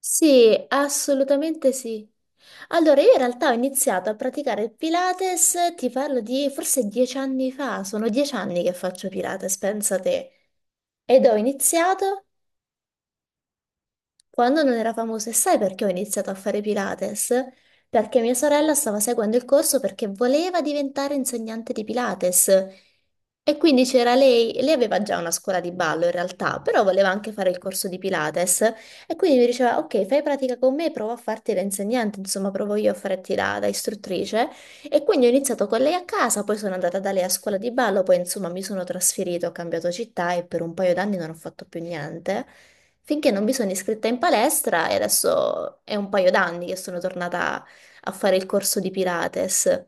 Sì, assolutamente sì. Allora, io in realtà ho iniziato a praticare il Pilates, ti parlo di forse 10 anni fa, sono 10 anni che faccio Pilates, pensa te. Ed ho iniziato quando non era famoso, e sai perché ho iniziato a fare Pilates? Perché mia sorella stava seguendo il corso perché voleva diventare insegnante di Pilates. E quindi c'era lei, lei aveva già una scuola di ballo in realtà, però voleva anche fare il corso di Pilates. E quindi mi diceva, ok, fai pratica con me, provo a farti da insegnante, insomma, provo io a farti da istruttrice. E quindi ho iniziato con lei a casa, poi sono andata da lei a scuola di ballo, poi insomma mi sono trasferita, ho cambiato città e per un paio d'anni non ho fatto più niente. Finché non mi sono iscritta in palestra e adesso è un paio d'anni che sono tornata a fare il corso di Pilates.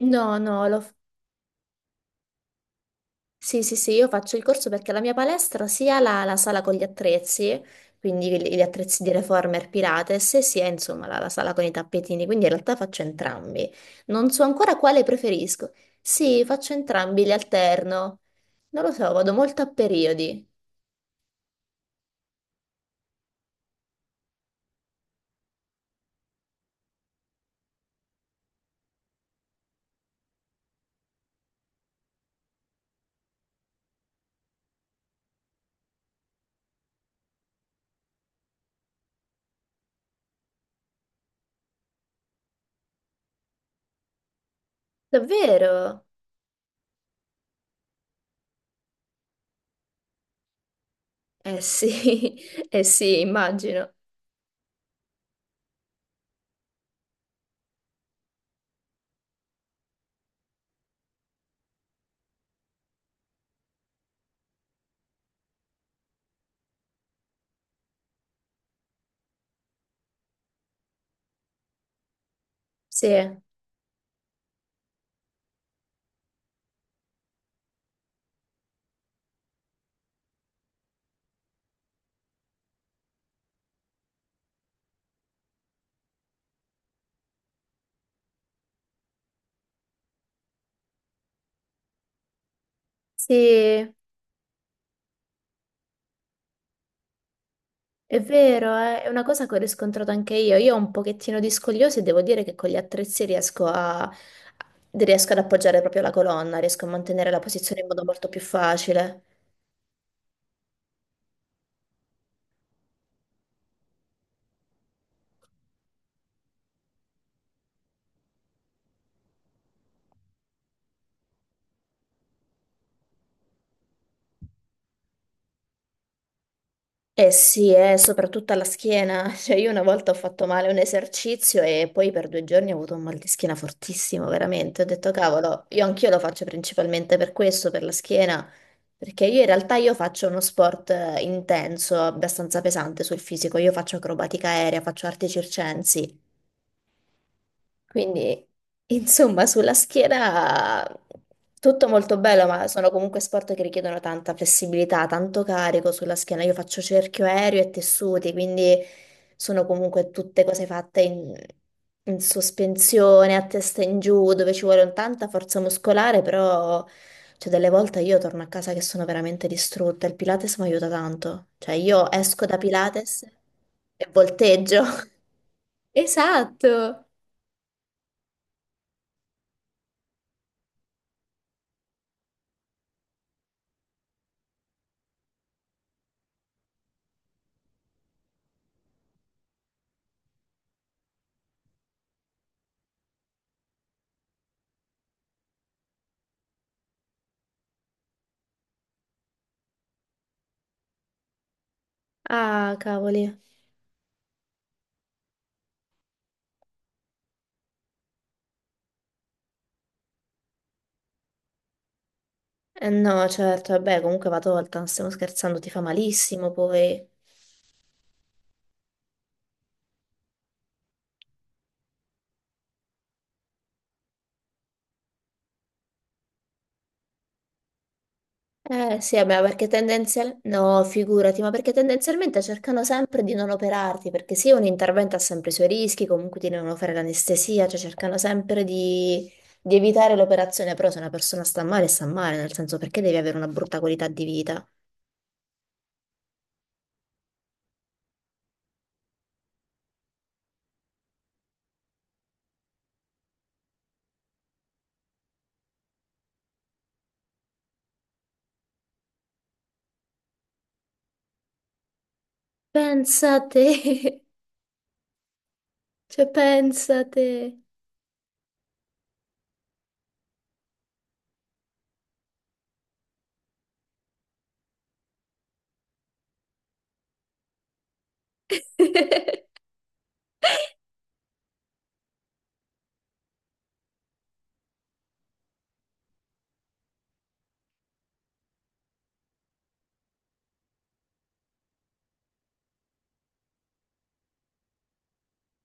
No, no, lo... sì, sì, sì, io faccio il corso perché la mia palestra sia la sala con gli attrezzi, quindi gli attrezzi di Reformer Pilates, e sia insomma la sala con i tappetini, quindi in realtà faccio entrambi. Non so ancora quale preferisco. Sì, faccio entrambi, li alterno. Non lo so, vado molto a periodi. Davvero? Eh sì, eh sì, immagino. Sì, sì, è vero, è una cosa che ho riscontrato anche io. Io ho un pochettino di scogliosi e devo dire che con gli attrezzi riesco a... riesco ad appoggiare proprio la colonna, riesco a mantenere la posizione in modo molto più facile. Eh sì, soprattutto alla schiena. Cioè, io una volta ho fatto male un esercizio e poi per 2 giorni ho avuto un mal di schiena fortissimo, veramente. Ho detto, cavolo, io anch'io lo faccio principalmente per questo, per la schiena, perché io in realtà io faccio uno sport intenso, abbastanza pesante sul fisico. Io faccio acrobatica aerea, faccio arti circensi. Quindi, insomma, sulla schiera tutto molto bello, ma sono comunque sport che richiedono tanta flessibilità, tanto carico sulla schiena. Io faccio cerchio aereo e tessuti, quindi sono comunque tutte cose fatte in, in sospensione, a testa in giù, dove ci vuole un tanta forza muscolare, però cioè, delle volte io torno a casa che sono veramente distrutta. Il Pilates mi aiuta tanto. Cioè, io esco da Pilates e volteggio. Esatto. Ah, cavoli. Eh no, certo, vabbè, comunque va tolta, non stiamo scherzando, ti fa malissimo poi. Eh sì, vabbè, perché tendenzialmente... No, figurati, ma perché tendenzialmente cercano sempre di non operarti, perché sì, un intervento ha sempre i suoi rischi, comunque ti devono fare l'anestesia, cioè cercano sempre di, evitare l'operazione, però se una persona sta male, nel senso perché devi avere una brutta qualità di vita? Pensa a te, cioè pensa a te.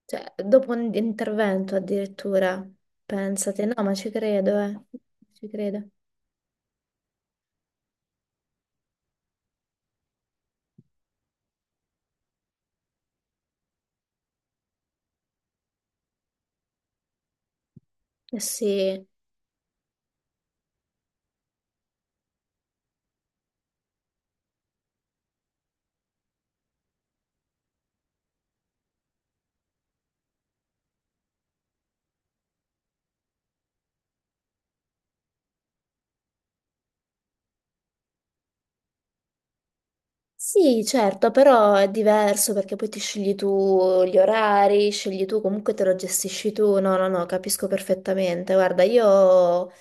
Cioè, dopo un intervento addirittura, pensate, no, ma ci credo, ci credo. Eh sì. Sì, certo, però è diverso perché poi ti scegli tu gli orari, scegli tu, comunque te lo gestisci tu. No, no, no, capisco perfettamente. Guarda,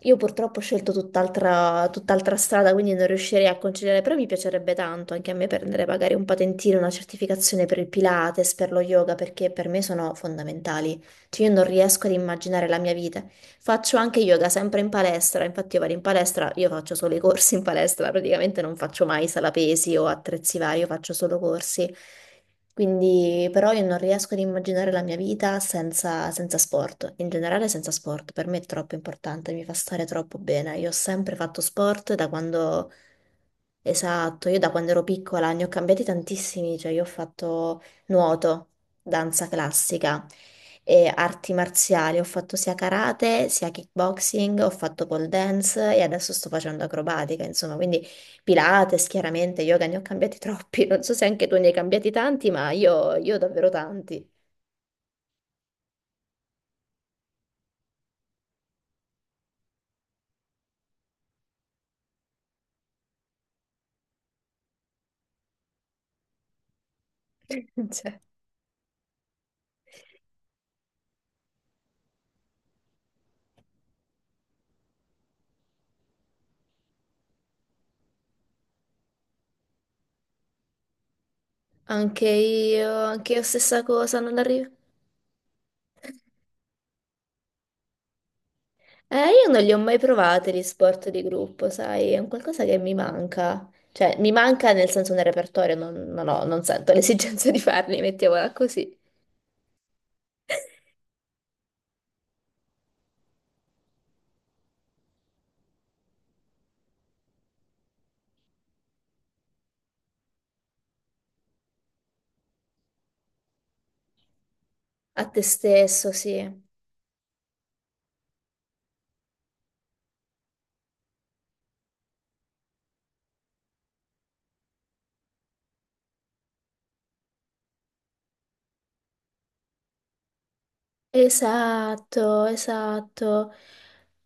io purtroppo ho scelto tutt'altra strada, quindi non riuscirei a conciliare, però mi piacerebbe tanto anche a me prendere magari un patentino, una certificazione per il Pilates, per lo yoga, perché per me sono fondamentali. Cioè, io non riesco ad immaginare la mia vita. Faccio anche yoga sempre in palestra, infatti io vado in palestra, io faccio solo i corsi in palestra, praticamente non faccio mai sala pesi o attrezzi vari, io faccio solo corsi. Quindi però io non riesco ad immaginare la mia vita senza sport, in generale senza sport, per me è troppo importante, mi fa stare troppo bene. Io ho sempre fatto sport da quando... Esatto, io da quando ero piccola ne ho cambiati tantissimi, cioè io ho fatto nuoto, danza classica e arti marziali. Ho fatto sia karate, sia kickboxing, ho fatto pole dance e adesso sto facendo acrobatica, insomma, quindi Pilates, chiaramente, yoga ne ho cambiati troppi. Non so se anche tu ne hai cambiati tanti, ma io davvero tanti. Cioè, anche io, anche io stessa cosa, non arrivo. Eh, io non li ho mai provati gli sport di gruppo, sai, è un qualcosa che mi manca. Cioè, mi manca nel senso nel repertorio, non ho- non sento l'esigenza di farli, mettiamola così. A te stesso, sì. Esatto, esatto.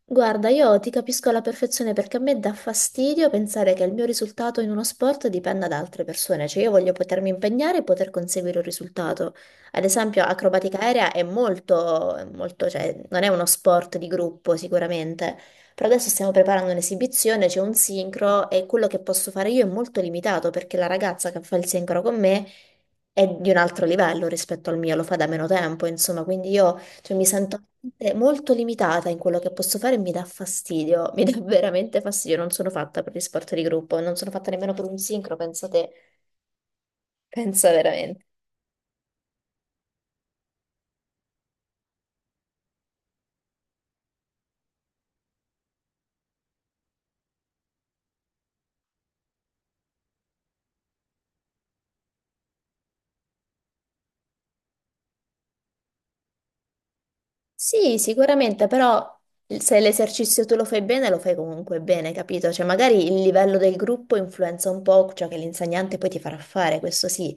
Guarda, io ti capisco alla perfezione perché a me dà fastidio pensare che il mio risultato in uno sport dipenda da altre persone, cioè io voglio potermi impegnare e poter conseguire un risultato. Ad esempio, acrobatica aerea è molto, cioè non è uno sport di gruppo sicuramente, però adesso stiamo preparando un'esibizione, c'è un sincro e quello che posso fare io è molto limitato perché la ragazza che fa il sincro con me è di un altro livello rispetto al mio, lo fa da meno tempo, insomma, quindi io cioè, mi sento veramente molto limitata in quello che posso fare e mi dà fastidio, mi dà veramente fastidio, non sono fatta per gli sport di gruppo, non sono fatta nemmeno per un sincro, pensa te, pensa veramente. Sì, sicuramente, però se l'esercizio tu lo fai bene, lo fai comunque bene, capito? Cioè, magari il livello del gruppo influenza un po' ciò che l'insegnante poi ti farà fare, questo sì.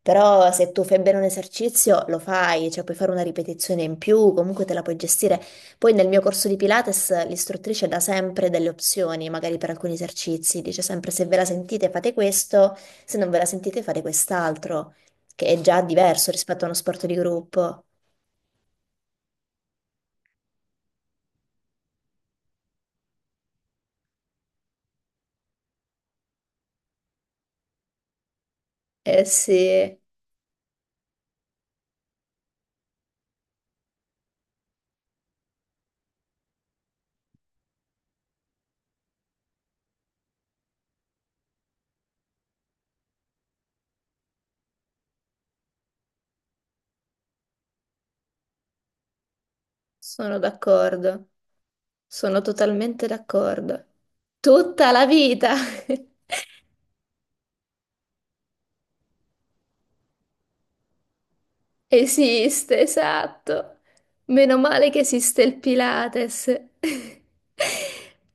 Però se tu fai bene un esercizio lo fai, cioè puoi fare una ripetizione in più, comunque te la puoi gestire. Poi nel mio corso di Pilates l'istruttrice dà sempre delle opzioni, magari per alcuni esercizi, dice sempre se ve la sentite fate questo, se non ve la sentite fate quest'altro, che è già diverso rispetto a uno sport di gruppo. Eh sì, sono d'accordo, sono totalmente d'accordo. Tutta la vita! Esiste, esatto. Meno male che esiste il Pilates.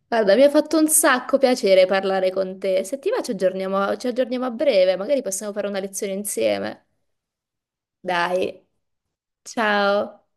Guarda, mi ha fatto un sacco piacere parlare con te. Se ti va, ci aggiorniamo a breve, magari possiamo fare una lezione insieme. Dai, ciao.